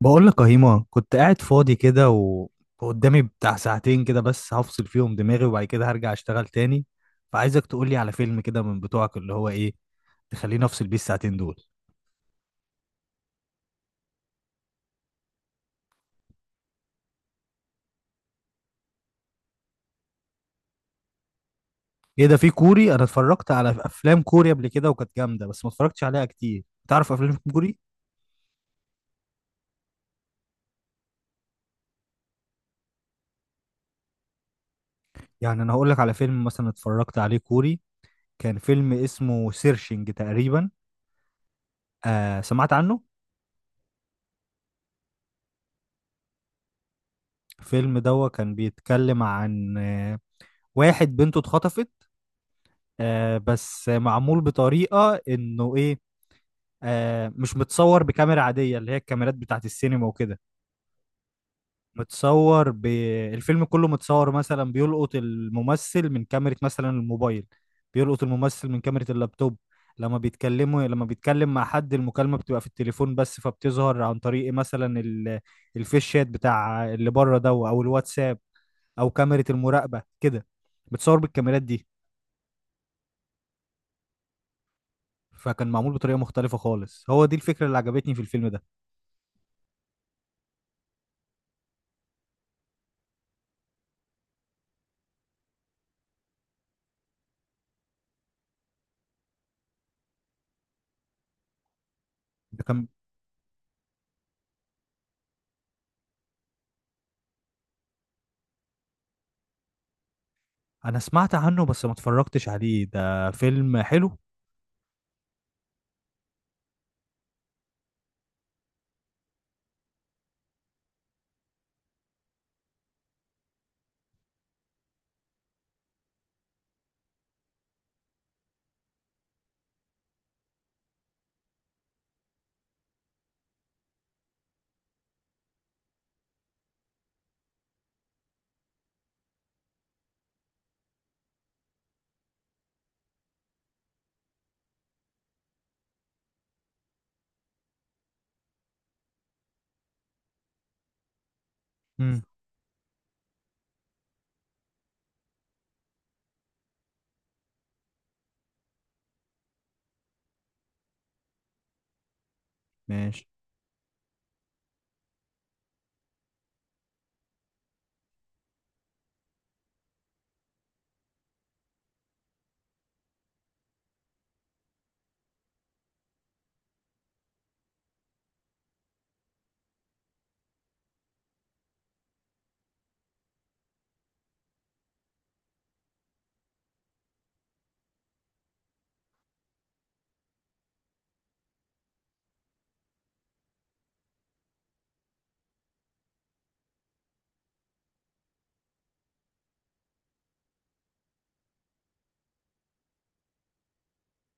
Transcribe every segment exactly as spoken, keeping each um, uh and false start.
بقول لك يا هيما، كنت قاعد فاضي كده و- وقدامي بتاع ساعتين كده بس هفصل فيهم دماغي، وبعد كده هرجع اشتغل تاني. فعايزك تقولي على فيلم كده من بتوعك، اللي هو ايه تخليني افصل بيه الساعتين دول. ايه ده؟ في كوري؟ انا اتفرجت على افلام كوري قبل كده وكانت جامدة، بس ما اتفرجتش عليها كتير. تعرف افلام كوري؟ يعني انا هقول لك على فيلم مثلا اتفرجت عليه كوري. كان فيلم اسمه سيرشنج تقريبا. آه سمعت عنه. الفيلم ده كان بيتكلم عن آه واحد بنته اتخطفت. آه بس معمول بطريقة انه ايه، آه مش متصور بكاميرا عادية اللي هي الكاميرات بتاعت السينما وكده. متصور ب... الفيلم كله متصور، مثلا بيلقط الممثل من كاميرا مثلا الموبايل، بيلقط الممثل من كاميرا اللابتوب. لما بيتكلموا لما بيتكلم مع حد، المكالمة بتبقى في التليفون بس، فبتظهر عن طريق مثلا ال... الفيش شات بتاع اللي بره ده، او الواتساب، او كاميرا المراقبة كده. بتصور بالكاميرات دي. فكان معمول بطريقة مختلفة خالص. هو دي الفكرة اللي عجبتني في الفيلم ده. ده كان. أنا سمعت عنه بس ما اتفرجتش عليه. ده فيلم حلو. امم. ماشي.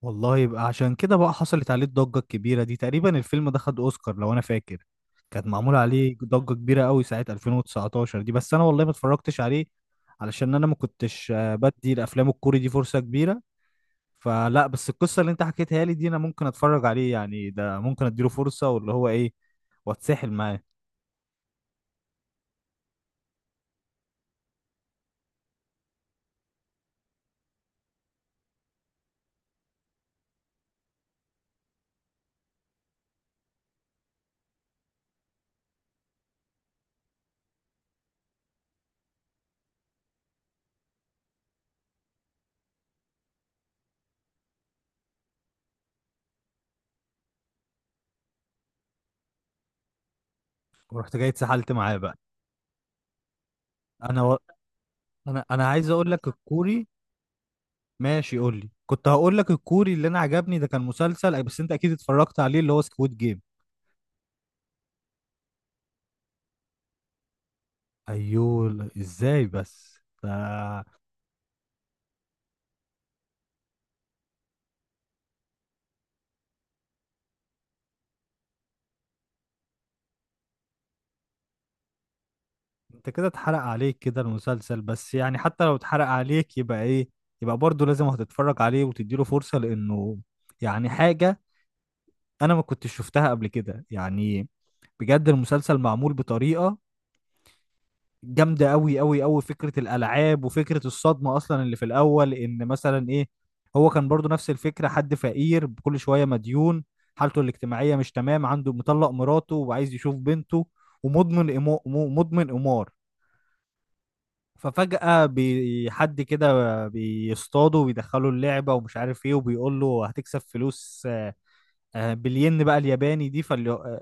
والله يبقى عشان كده بقى حصلت عليه الضجة الكبيرة دي. تقريبا الفيلم ده خد أوسكار لو أنا فاكر. كانت معمول عليه ضجة كبيرة قوي ساعة ألفين وتسعة عشر دي، بس أنا والله ما اتفرجتش عليه، علشان أنا ما كنتش آه، بدي الأفلام الكوري دي فرصة كبيرة. فلا، بس القصة اللي أنت حكيتها لي دي أنا ممكن أتفرج عليه، يعني ده ممكن أديله فرصة، واللي هو إيه، واتسحل معاه. ورحت جاي اتسحلت معاه بقى. انا و... انا انا عايز اقول لك الكوري. ماشي قول لي. كنت هقول لك الكوري اللي انا عجبني ده، كان مسلسل أي- بس انت اكيد اتفرجت عليه، اللي هو سكويد جيم. ايوه لا، ازاي بس ده؟ انت كده اتحرق عليك كده المسلسل، بس يعني حتى لو اتحرق عليك يبقى ايه؟ يبقى برضه لازم هتتفرج عليه وتديله فرصة، لانه يعني حاجة انا ما كنتش شفتها قبل كده يعني. بجد المسلسل معمول بطريقة جامده قوي قوي قوي. فكره الالعاب وفكره الصدمه اصلا اللي في الاول، ان مثلا ايه، هو كان برضو نفس الفكره، حد فقير كل شويه مديون، حالته الاجتماعيه مش تمام، عنده مطلق مراته وعايز يشوف بنته، ومدمن إمو- مو- مدمن قمار. ففجأة بي- حد كده بيصطاده ويدخله اللعبة ومش عارف ايه وبيقول له هتكسب فلوس. آه، آه، بالين بقى الياباني دي، فاللي آه،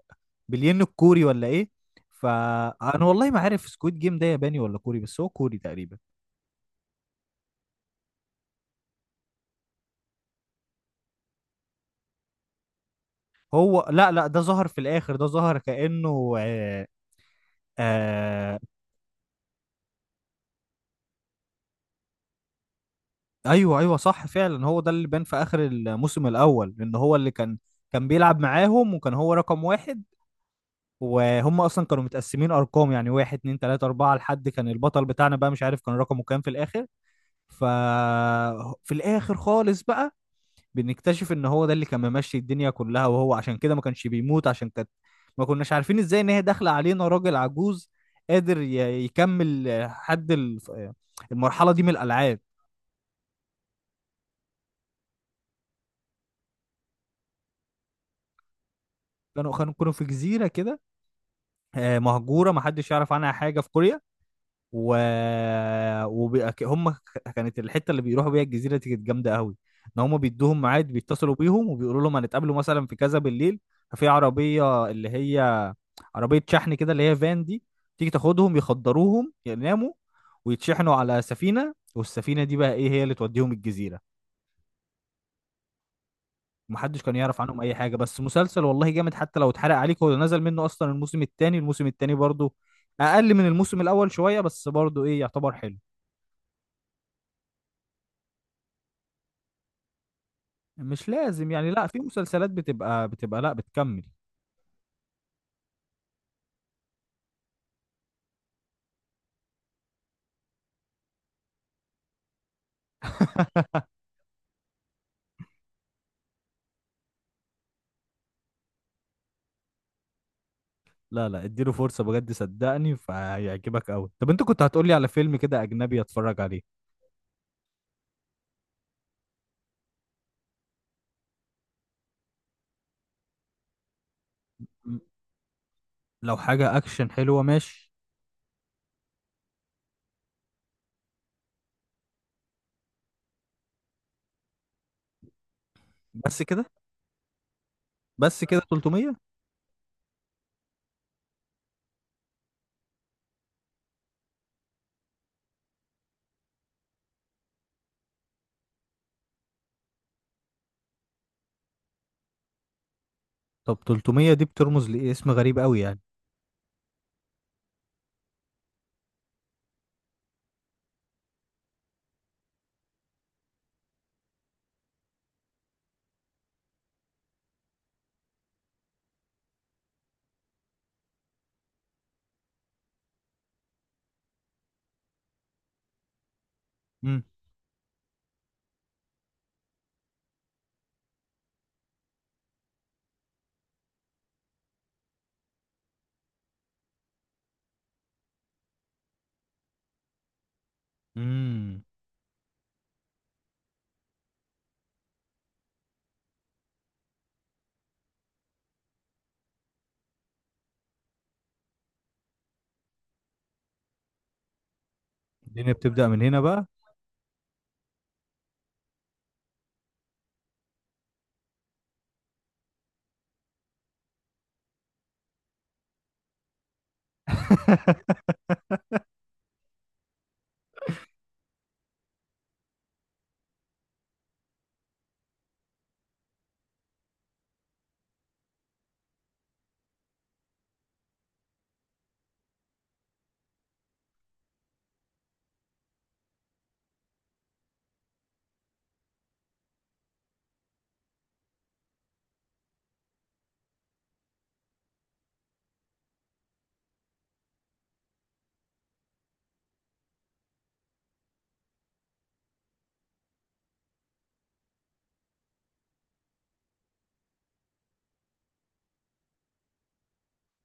بالين الكوري ولا ايه؟ فانا والله ما عارف سكويد جيم ده ياباني ولا كوري، بس هو كوري تقريبا. هو لا لا، ده ظهر في الاخر، ده ظهر كأنه آه آه. ايوه ايوه صح فعلا، هو ده اللي بان في اخر الموسم الاول، لان هو اللي كان، كان بيلعب معاهم وكان هو رقم واحد. وهم اصلا كانوا متقسمين ارقام، يعني واحد اتنين تلاته اربعه لحد كان البطل بتاعنا بقى، مش عارف كان رقمه كام في الاخر. ففي الاخر خالص بقى بنكتشف ان هو ده اللي كان ممشي الدنيا كلها. وهو عشان كده ما كانش بيموت، عشان كانت، ما كناش عارفين ازاي ان هي داخله علينا راجل عجوز قادر ي- يكمل آه، حد الف- آه، المرحله دي من الالعاب. كانوا كانوا كانوا في جزيره كده آه، مهجوره، ما حدش يعرف عنها حاجه في كوريا. و، وبيبقى ك- هم ك- كانت الحته اللي بيروحوا بيها الجزيره دي كانت جامده قوي. ان هم بيدوهم ميعاد، بيتصلوا بيهم وبيقولوا لهم هنتقابلوا مثلا في كذا بالليل. ففي عربيه اللي هي عربية شحن كده، اللي هي فان دي، تيجي تاخدهم يخدروهم يناموا ويتشحنوا على سفينة، والسفينة دي بقى ايه هي اللي توديهم الجزيرة. محدش كان يعرف عنهم اي حاجة. بس مسلسل والله جامد، حتى لو اتحرق عليك، هو نزل منه اصلا الموسم التاني. الموسم التاني برضو اقل من الموسم الاول شوية، بس برضو ايه يعتبر حلو. مش لازم يعني، لا، في مسلسلات بتبقى بتبقى لا، بتكمل. لا لا، اديله فرصة بجد صدقني فهيعجبك قوي. طب انت كنت هتقولي على فيلم كده اجنبي اتفرج عليه. م- لو حاجة اكشن حلوة ماشي. بس كده، بس كده تلتمية. طب تلتمية دي بترمز لإيه؟ اسم غريب قوي يعني. امم. امم الدنيا بتبدأ من هنا بقى.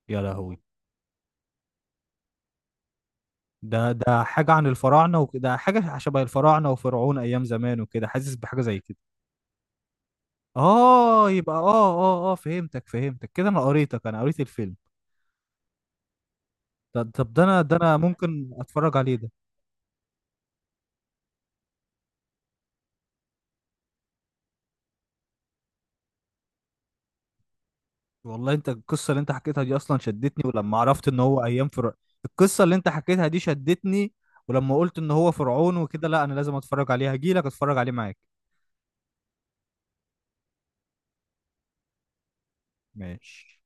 يا لهوي! ده ده حاجة عن الفراعنة وكده، حاجة شبه الفراعنة وفرعون أيام زمان وكده، حاسس بحاجة زي كده. آه يبقى، آه آه آه فهمتك فهمتك كده. أنا قريتك، أنا قريت الفيلم. طب طب ده أنا ده أنا ممكن أتفرج عليه ده. والله انت القصه اللي انت حكيتها دي اصلا شدتني، ولما عرفت ان هو ايام فرع القصه اللي انت حكيتها دي شدتني، ولما قلت ان هو فرعون وكده، لا انا لازم اتفرج عليها، هجيلك اتفرج عليه معاك. ماشي.